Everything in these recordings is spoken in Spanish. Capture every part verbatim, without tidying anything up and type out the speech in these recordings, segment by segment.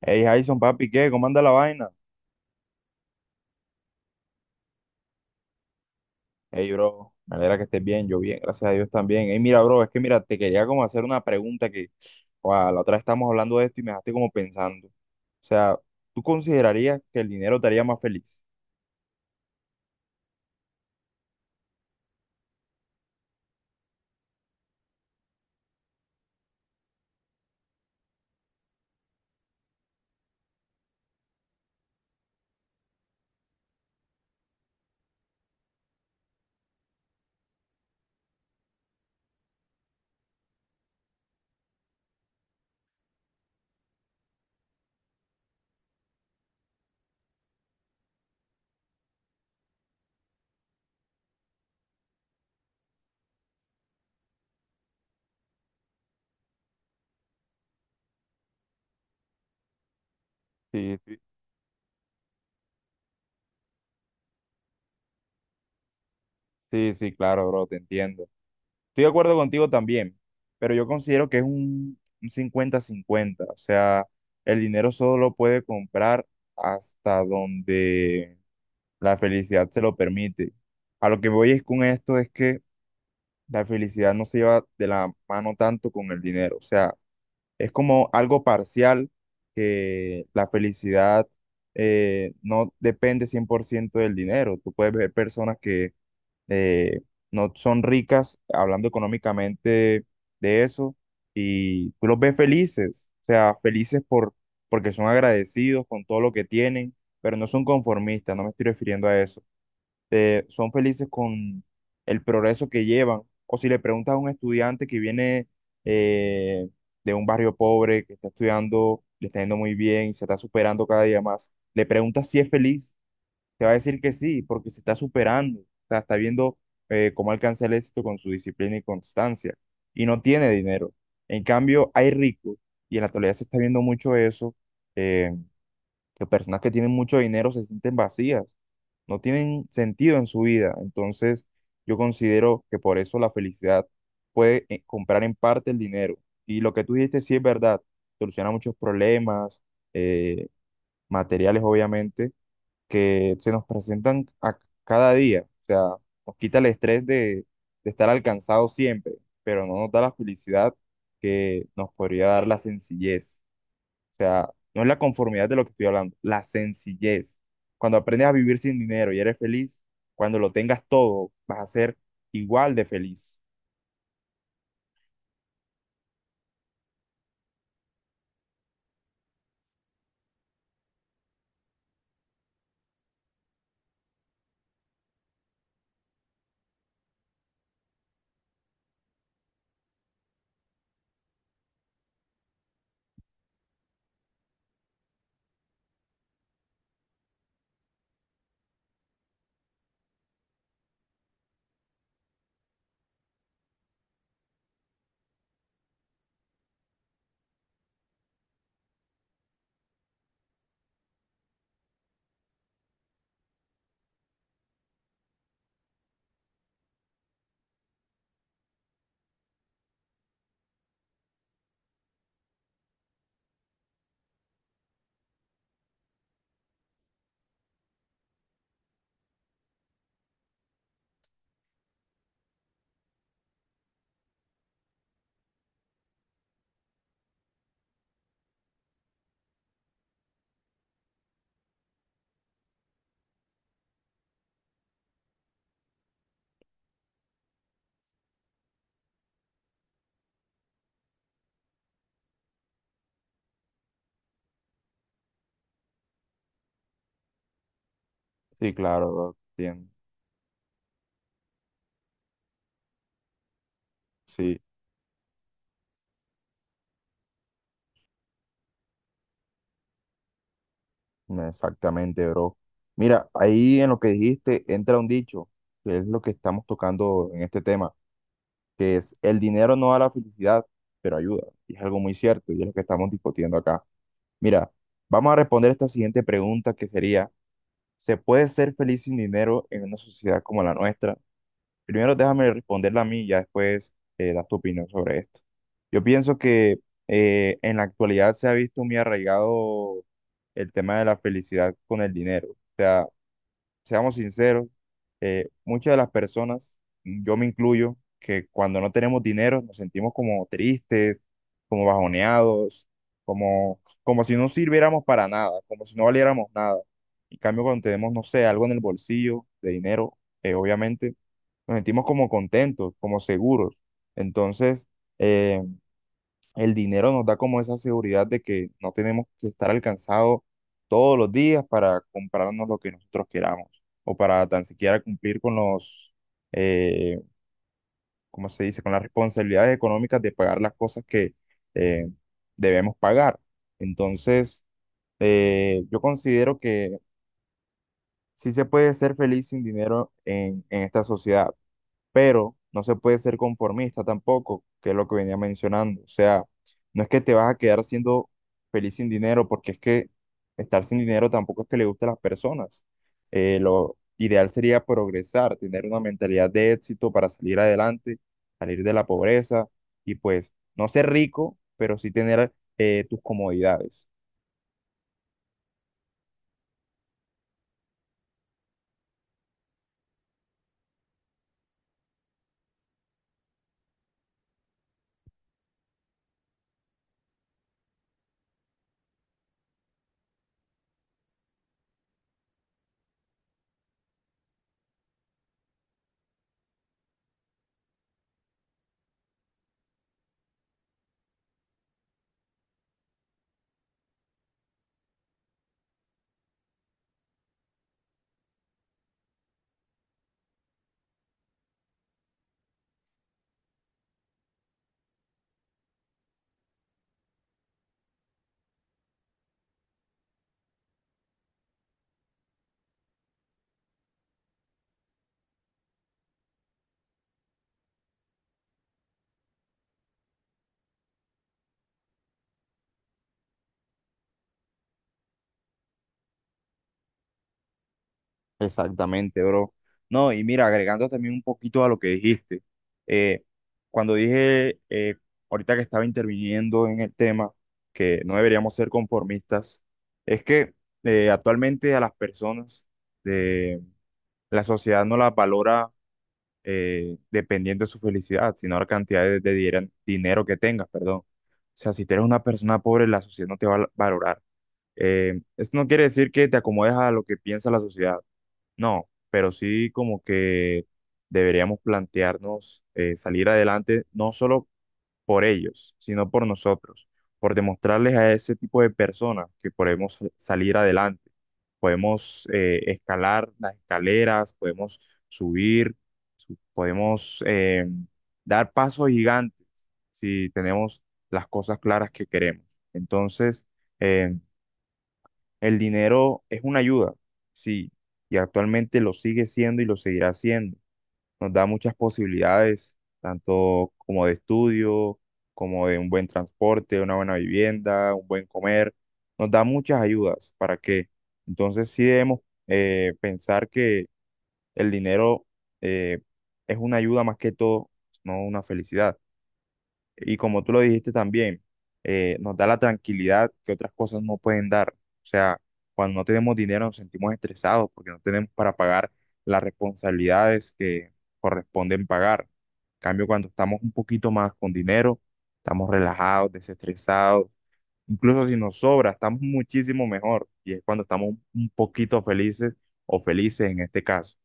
Hey Jason, papi, ¿qué? ¿Cómo anda la vaina? Hey, bro, me alegra que estés bien, yo bien, gracias a Dios también. Hey, mira, bro, es que mira, te quería como hacer una pregunta que, wow, la otra vez estábamos hablando de esto y me dejaste como pensando. O sea, ¿tú considerarías que el dinero te haría más feliz? Sí, sí, sí, sí, claro, bro, te entiendo. Estoy de acuerdo contigo también, pero yo considero que es un un cincuenta 50. O sea, el dinero solo puede comprar hasta donde la felicidad se lo permite. A lo que voy es con esto es que la felicidad no se lleva de la mano tanto con el dinero. O sea, es como algo parcial que la felicidad eh, no depende cien por ciento del dinero. Tú puedes ver personas que eh, no son ricas, hablando económicamente de eso, y tú los ves felices, o sea, felices por, porque son agradecidos con todo lo que tienen, pero no son conformistas, no me estoy refiriendo a eso. Eh, son felices con el progreso que llevan, o si le preguntas a un estudiante que viene eh, de un barrio pobre, que está estudiando, le está yendo muy bien y se está superando cada día más, le preguntas si es feliz, te va a decir que sí, porque se está superando, o sea, está viendo eh, cómo alcanza el éxito con su disciplina y constancia, y no tiene dinero. En cambio, hay ricos, y en la actualidad se está viendo mucho eso, eh, que personas que tienen mucho dinero se sienten vacías, no tienen sentido en su vida. Entonces, yo considero que por eso la felicidad puede eh, comprar en parte el dinero. Y lo que tú dijiste sí es verdad, soluciona muchos problemas, eh, materiales obviamente que se nos presentan a cada día. O sea, nos quita el estrés de, de estar alcanzado siempre, pero no nos da la felicidad que nos podría dar la sencillez. No es la conformidad de lo que estoy hablando, la sencillez. Cuando aprendes a vivir sin dinero y eres feliz, cuando lo tengas todo, vas a ser igual de feliz. Sí, claro, bro, entiendo. Sí, exactamente, bro. Mira, ahí en lo que dijiste entra un dicho, que es lo que estamos tocando en este tema, que es el dinero no da la felicidad, pero ayuda. Y es algo muy cierto y es lo que estamos discutiendo acá. Mira, vamos a responder esta siguiente pregunta que sería, ¿se puede ser feliz sin dinero en una sociedad como la nuestra? Primero déjame responderla a mí y ya después eh, das tu opinión sobre esto. Yo pienso que eh, en la actualidad se ha visto muy arraigado el tema de la felicidad con el dinero. O sea, seamos sinceros, eh, muchas de las personas, yo me incluyo, que cuando no tenemos dinero nos sentimos como tristes, como bajoneados, como, como si no sirviéramos para nada, como si no valiéramos nada. En cambio, cuando tenemos, no sé, algo en el bolsillo de dinero, eh, obviamente nos sentimos como contentos, como seguros. Entonces, eh, el dinero nos da como esa seguridad de que no tenemos que estar alcanzados todos los días para comprarnos lo que nosotros queramos o para tan siquiera cumplir con los, eh, ¿cómo se dice?, con las responsabilidades económicas de pagar las cosas que eh, debemos pagar. Entonces, eh, yo considero que sí se puede ser feliz sin dinero en, en esta sociedad, pero no se puede ser conformista tampoco, que es lo que venía mencionando. O sea, no es que te vas a quedar siendo feliz sin dinero, porque es que estar sin dinero tampoco es que le guste a las personas. Eh, lo ideal sería progresar, tener una mentalidad de éxito para salir adelante, salir de la pobreza y pues no ser rico, pero sí tener eh, tus comodidades. Exactamente, bro. No, y mira, agregando también un poquito a lo que dijiste, eh, cuando dije eh, ahorita que estaba interviniendo en el tema, que no deberíamos ser conformistas, es que eh, actualmente a las personas de la sociedad no las valora eh, dependiendo de su felicidad, sino la cantidad de, de diera- dinero que tengas, perdón. O sea, si tú eres una persona pobre, la sociedad no te va a valorar. Eh, esto no quiere decir que te acomodes a lo que piensa la sociedad, no, pero sí como que deberíamos plantearnos eh, salir adelante no solo por ellos, sino por nosotros, por demostrarles a ese tipo de personas que podemos sa- salir adelante, podemos eh, escalar las escaleras, podemos subir, su- podemos eh, dar pasos gigantes si tenemos las cosas claras que queremos. Entonces, em, el dinero es una ayuda, sí, y actualmente lo sigue siendo y lo seguirá siendo. Nos da muchas posibilidades, tanto como de estudio, como de un buen transporte, una buena vivienda, un buen comer. Nos da muchas ayudas. ¿Para qué? Entonces sí debemos eh, pensar que el dinero eh, es una ayuda más que todo, no una felicidad. Y como tú lo dijiste también, eh, nos da la tranquilidad que otras cosas no pueden dar. O sea, cuando no tenemos dinero nos sentimos estresados porque no tenemos para pagar las responsabilidades que corresponden pagar. En cambio, cuando estamos un poquito más con dinero, estamos relajados, desestresados. Incluso si nos sobra, estamos muchísimo mejor. Y es cuando estamos un poquito felices o felices en este caso.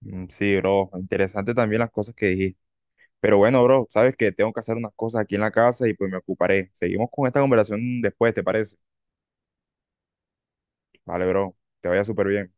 Mm, sí, bro, interesante también las cosas que dijiste. Pero bueno, bro, sabes que tengo que hacer unas cosas aquí en la casa y pues me ocuparé. Seguimos con esta conversación después, ¿te parece? Vale, bro, te vaya súper bien.